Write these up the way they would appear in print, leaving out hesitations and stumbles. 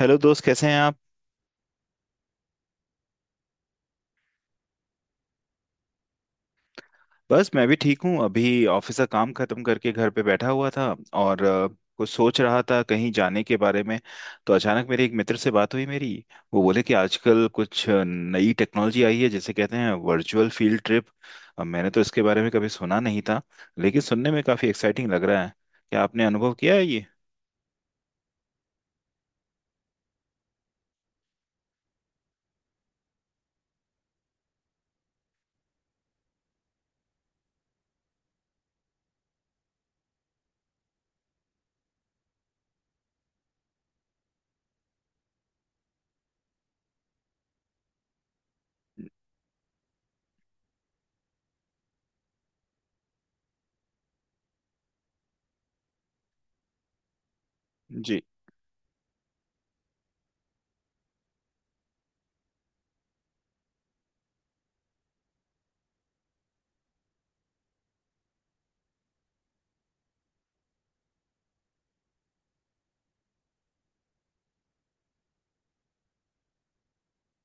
Hello दोस्त, कैसे हैं आप? बस, मैं भी ठीक हूँ। अभी ऑफिस का काम खत्म करके घर पे बैठा हुआ था और कुछ सोच रहा था कहीं जाने के बारे में। तो अचानक मेरे एक मित्र से बात हुई मेरी। वो बोले कि आजकल कुछ नई टेक्नोलॉजी आई है जिसे कहते हैं वर्चुअल फील्ड ट्रिप। अब मैंने तो इसके बारे में कभी सुना नहीं था, लेकिन सुनने में काफ़ी एक्साइटिंग लग रहा है। क्या आपने अनुभव किया है ये? जी।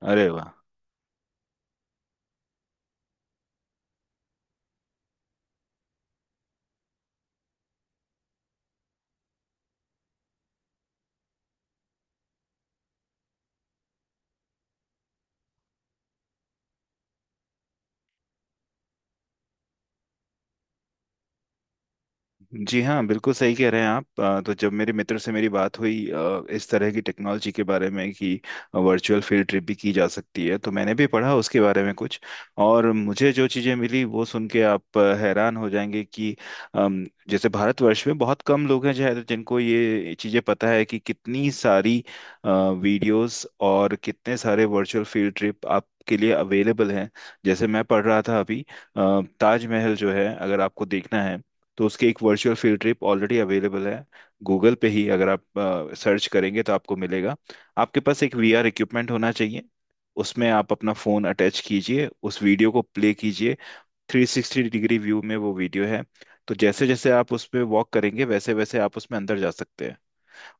अरे वाह। जी हाँ, बिल्कुल सही कह रहे हैं आप। तो जब मेरे मित्र से मेरी बात हुई इस तरह की टेक्नोलॉजी के बारे में कि वर्चुअल फील्ड ट्रिप भी की जा सकती है, तो मैंने भी पढ़ा उसके बारे में कुछ। और मुझे जो चीज़ें मिली वो सुन के आप हैरान हो जाएंगे कि जैसे भारतवर्ष में बहुत कम लोग हैं शायद जिनको ये चीज़ें पता है कि कितनी सारी वीडियोस और कितने सारे वर्चुअल फील्ड ट्रिप आप के लिए अवेलेबल हैं। जैसे मैं पढ़ रहा था अभी ताजमहल जो है, अगर आपको देखना है तो उसकी एक virtual field trip already available है। गूगल पे ही अगर आप सर्च करेंगे तो आपको मिलेगा। आपके पास एक वीआर इक्विपमेंट होना चाहिए। उसमें आप अपना फ़ोन अटैच कीजिए, उस वीडियो को प्ले कीजिए। 360 डिग्री व्यू में वो वीडियो है, तो जैसे जैसे आप उस पर वॉक करेंगे वैसे वैसे आप उसमें अंदर जा सकते हैं।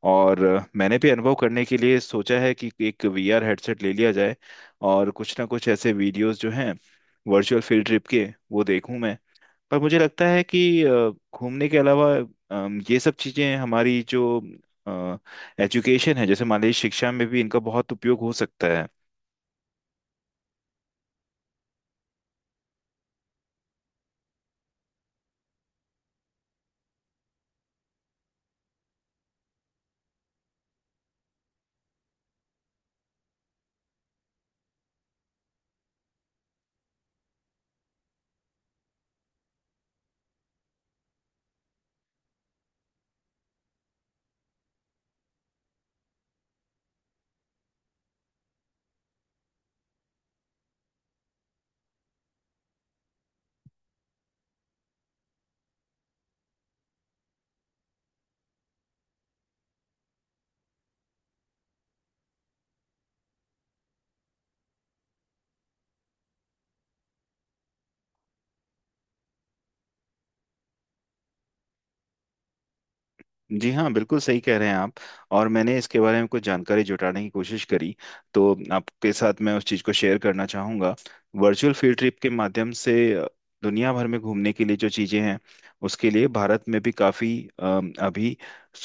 और मैंने भी अनुभव करने के लिए सोचा है कि एक वीआर हेडसेट ले लिया जाए और कुछ ना कुछ ऐसे वीडियोस जो हैं वर्चुअल फील्ड ट्रिप के, वो देखूं मैं। पर मुझे लगता है कि घूमने के अलावा ये सब चीजें हमारी जो एजुकेशन है, जैसे मान लीजिए शिक्षा में भी इनका बहुत उपयोग हो सकता है। जी हाँ, बिल्कुल सही कह रहे हैं आप। और मैंने इसके बारे में कुछ जानकारी जुटाने की कोशिश करी, तो आपके साथ मैं उस चीज़ को शेयर करना चाहूँगा। वर्चुअल फील्ड ट्रिप के माध्यम से दुनिया भर में घूमने के लिए जो चीज़ें हैं, उसके लिए भारत में भी काफ़ी अभी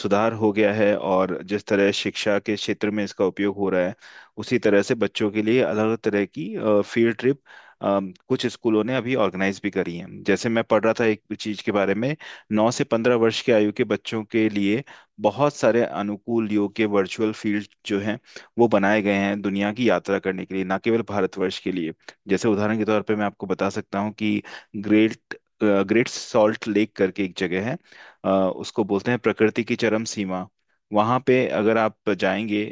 सुधार हो गया है। और जिस तरह शिक्षा के क्षेत्र में इसका उपयोग हो रहा है, उसी तरह से बच्चों के लिए अलग अलग तरह की फील्ड ट्रिप कुछ स्कूलों ने अभी ऑर्गेनाइज भी करी है। जैसे मैं पढ़ रहा था एक चीज़ के बारे में, 9 से 15 वर्ष की आयु के बच्चों के लिए बहुत सारे अनुकूल योग के वर्चुअल फील्ड जो हैं वो बनाए गए हैं दुनिया की यात्रा करने के लिए, ना केवल भारतवर्ष के लिए। जैसे उदाहरण के तौर पे मैं आपको बता सकता हूँ कि ग्रेट ग्रेट सॉल्ट लेक करके एक जगह है। उसको बोलते हैं प्रकृति की चरम सीमा। वहाँ पे अगर आप जाएंगे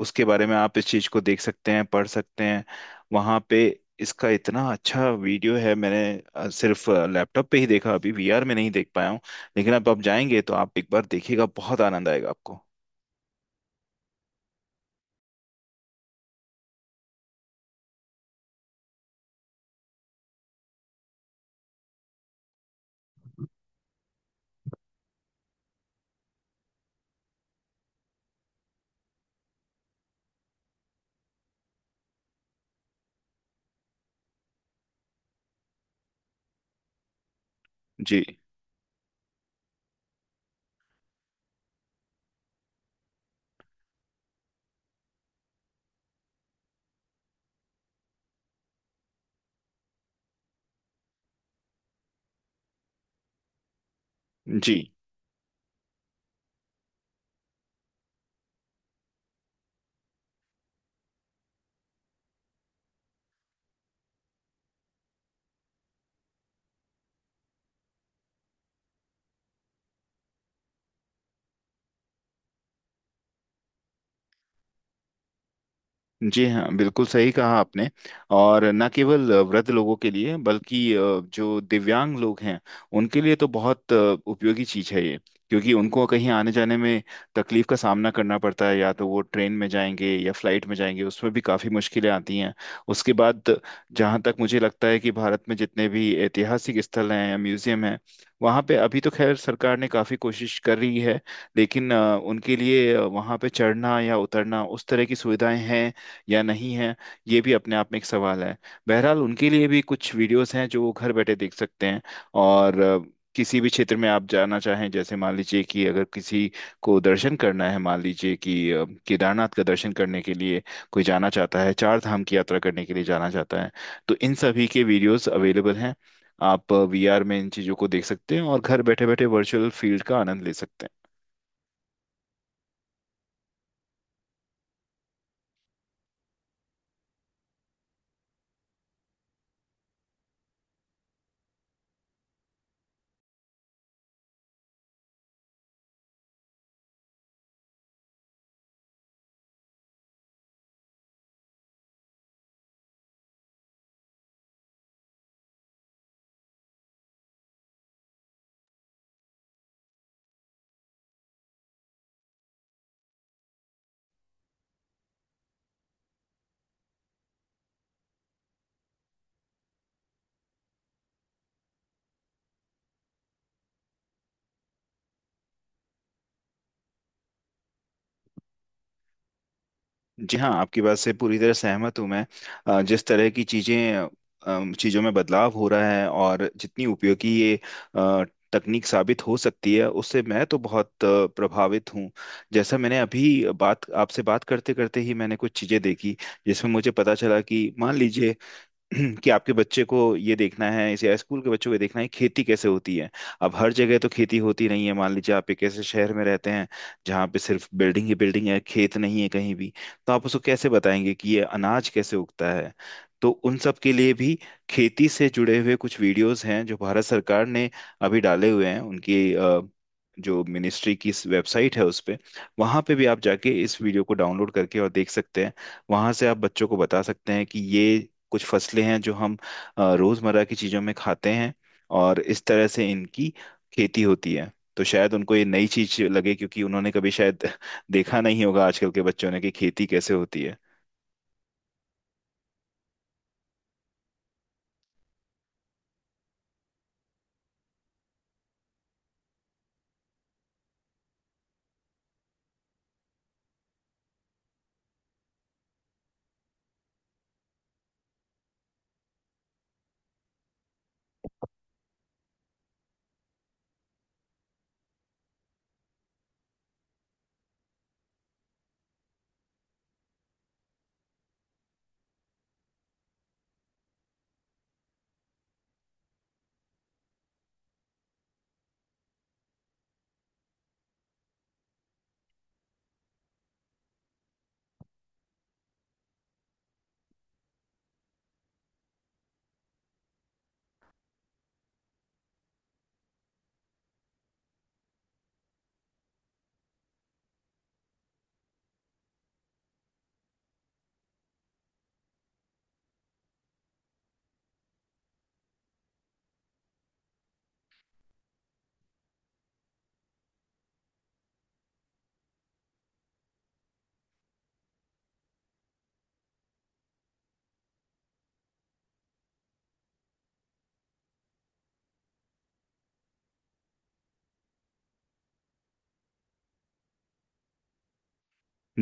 उसके बारे में, आप इस चीज़ को देख सकते हैं, पढ़ सकते हैं वहाँ पे। इसका इतना अच्छा वीडियो है, मैंने सिर्फ लैपटॉप पे ही देखा, अभी वीआर में नहीं देख पाया हूँ। लेकिन अब आप जाएंगे तो आप एक बार देखिएगा, बहुत आनंद आएगा आपको। जी। जी। जी हाँ, बिल्कुल सही कहा आपने। और न केवल वृद्ध लोगों के लिए बल्कि जो दिव्यांग लोग हैं उनके लिए तो बहुत उपयोगी चीज़ है ये। क्योंकि उनको कहीं आने जाने में तकलीफ का सामना करना पड़ता है, या तो वो ट्रेन में जाएंगे या फ्लाइट में जाएंगे, उसमें भी काफ़ी मुश्किलें आती हैं। उसके बाद जहाँ तक मुझे लगता है कि भारत में जितने भी ऐतिहासिक स्थल हैं या म्यूजियम हैं, वहाँ पे अभी तो खैर सरकार ने काफ़ी कोशिश कर रही है। लेकिन उनके लिए वहाँ पे चढ़ना या उतरना उस तरह की सुविधाएं हैं या नहीं है, ये भी अपने आप में एक सवाल है। बहरहाल उनके लिए भी कुछ वीडियोस हैं जो वो घर बैठे देख सकते हैं। और किसी भी क्षेत्र में आप जाना चाहें, जैसे मान लीजिए कि अगर किसी को दर्शन करना है, मान लीजिए कि केदारनाथ का दर्शन करने के लिए कोई जाना चाहता है, चार धाम की यात्रा करने के लिए जाना चाहता है, तो इन सभी के वीडियोस अवेलेबल हैं। आप वीआर में इन चीज़ों को देख सकते हैं और घर बैठे बैठे वर्चुअल फील्ड का आनंद ले सकते हैं। जी हाँ, आपकी बात से पूरी तरह सहमत हूँ मैं। जिस तरह की चीज़ें चीज़ों में बदलाव हो रहा है और जितनी उपयोगी ये अ, तकनीक साबित हो सकती है, उससे मैं तो बहुत प्रभावित हूँ। जैसा मैंने अभी बात आपसे बात करते करते ही मैंने कुछ चीज़ें देखी, जिसमें मुझे पता चला कि मान लीजिए कि आपके बच्चे को ये देखना है या स्कूल के बच्चों को ये देखना है खेती कैसे होती है। अब हर जगह तो खेती होती नहीं है। मान लीजिए आप एक ऐसे शहर में रहते हैं जहाँ पे सिर्फ बिल्डिंग ही बिल्डिंग है, खेत नहीं है कहीं भी। तो आप उसको कैसे बताएंगे कि ये अनाज कैसे उगता है? तो उन सब के लिए भी खेती से जुड़े हुए कुछ वीडियोस हैं जो भारत सरकार ने अभी डाले हुए हैं। उनकी जो मिनिस्ट्री की वेबसाइट है उस पे, वहाँ पे भी आप जाके इस वीडियो को डाउनलोड करके और देख सकते हैं। वहाँ से आप बच्चों को बता सकते हैं कि ये कुछ फसलें हैं जो हम रोजमर्रा की चीजों में खाते हैं और इस तरह से इनकी खेती होती है। तो शायद उनको ये नई चीज लगे, क्योंकि उन्होंने कभी शायद देखा नहीं होगा आजकल के बच्चों ने कि खेती कैसे होती है।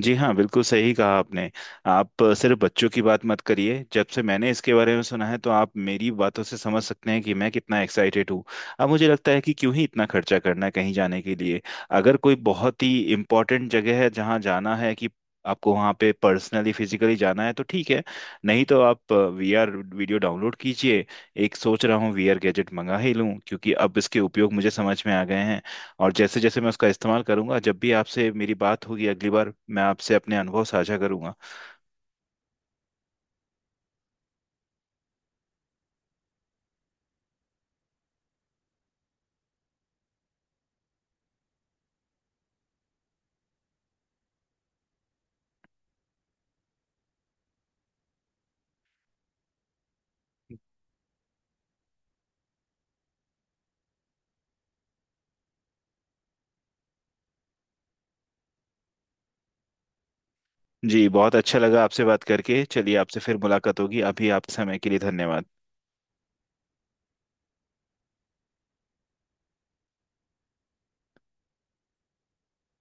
जी हाँ, बिल्कुल सही कहा आपने। आप सिर्फ बच्चों की बात मत करिए, जब से मैंने इसके बारे में सुना है तो आप मेरी बातों से समझ सकते हैं कि मैं कितना एक्साइटेड हूँ। अब मुझे लगता है कि क्यों ही इतना खर्चा करना कहीं जाने के लिए। अगर कोई बहुत ही इम्पोर्टेंट जगह है जहाँ जाना है कि आपको वहाँ पे पर्सनली फिजिकली जाना है, तो ठीक है, नहीं तो आप वीआर वीडियो डाउनलोड कीजिए। एक सोच रहा हूँ वीआर गैजेट मंगा ही लूँ, क्योंकि अब इसके उपयोग मुझे समझ में आ गए हैं। और जैसे जैसे मैं उसका इस्तेमाल करूंगा, जब भी आपसे मेरी बात होगी अगली बार, मैं आपसे अपने अनुभव साझा करूंगा। जी, बहुत अच्छा लगा आपसे बात करके। चलिए, आपसे फिर मुलाकात होगी। अभी आप समय के लिए धन्यवाद।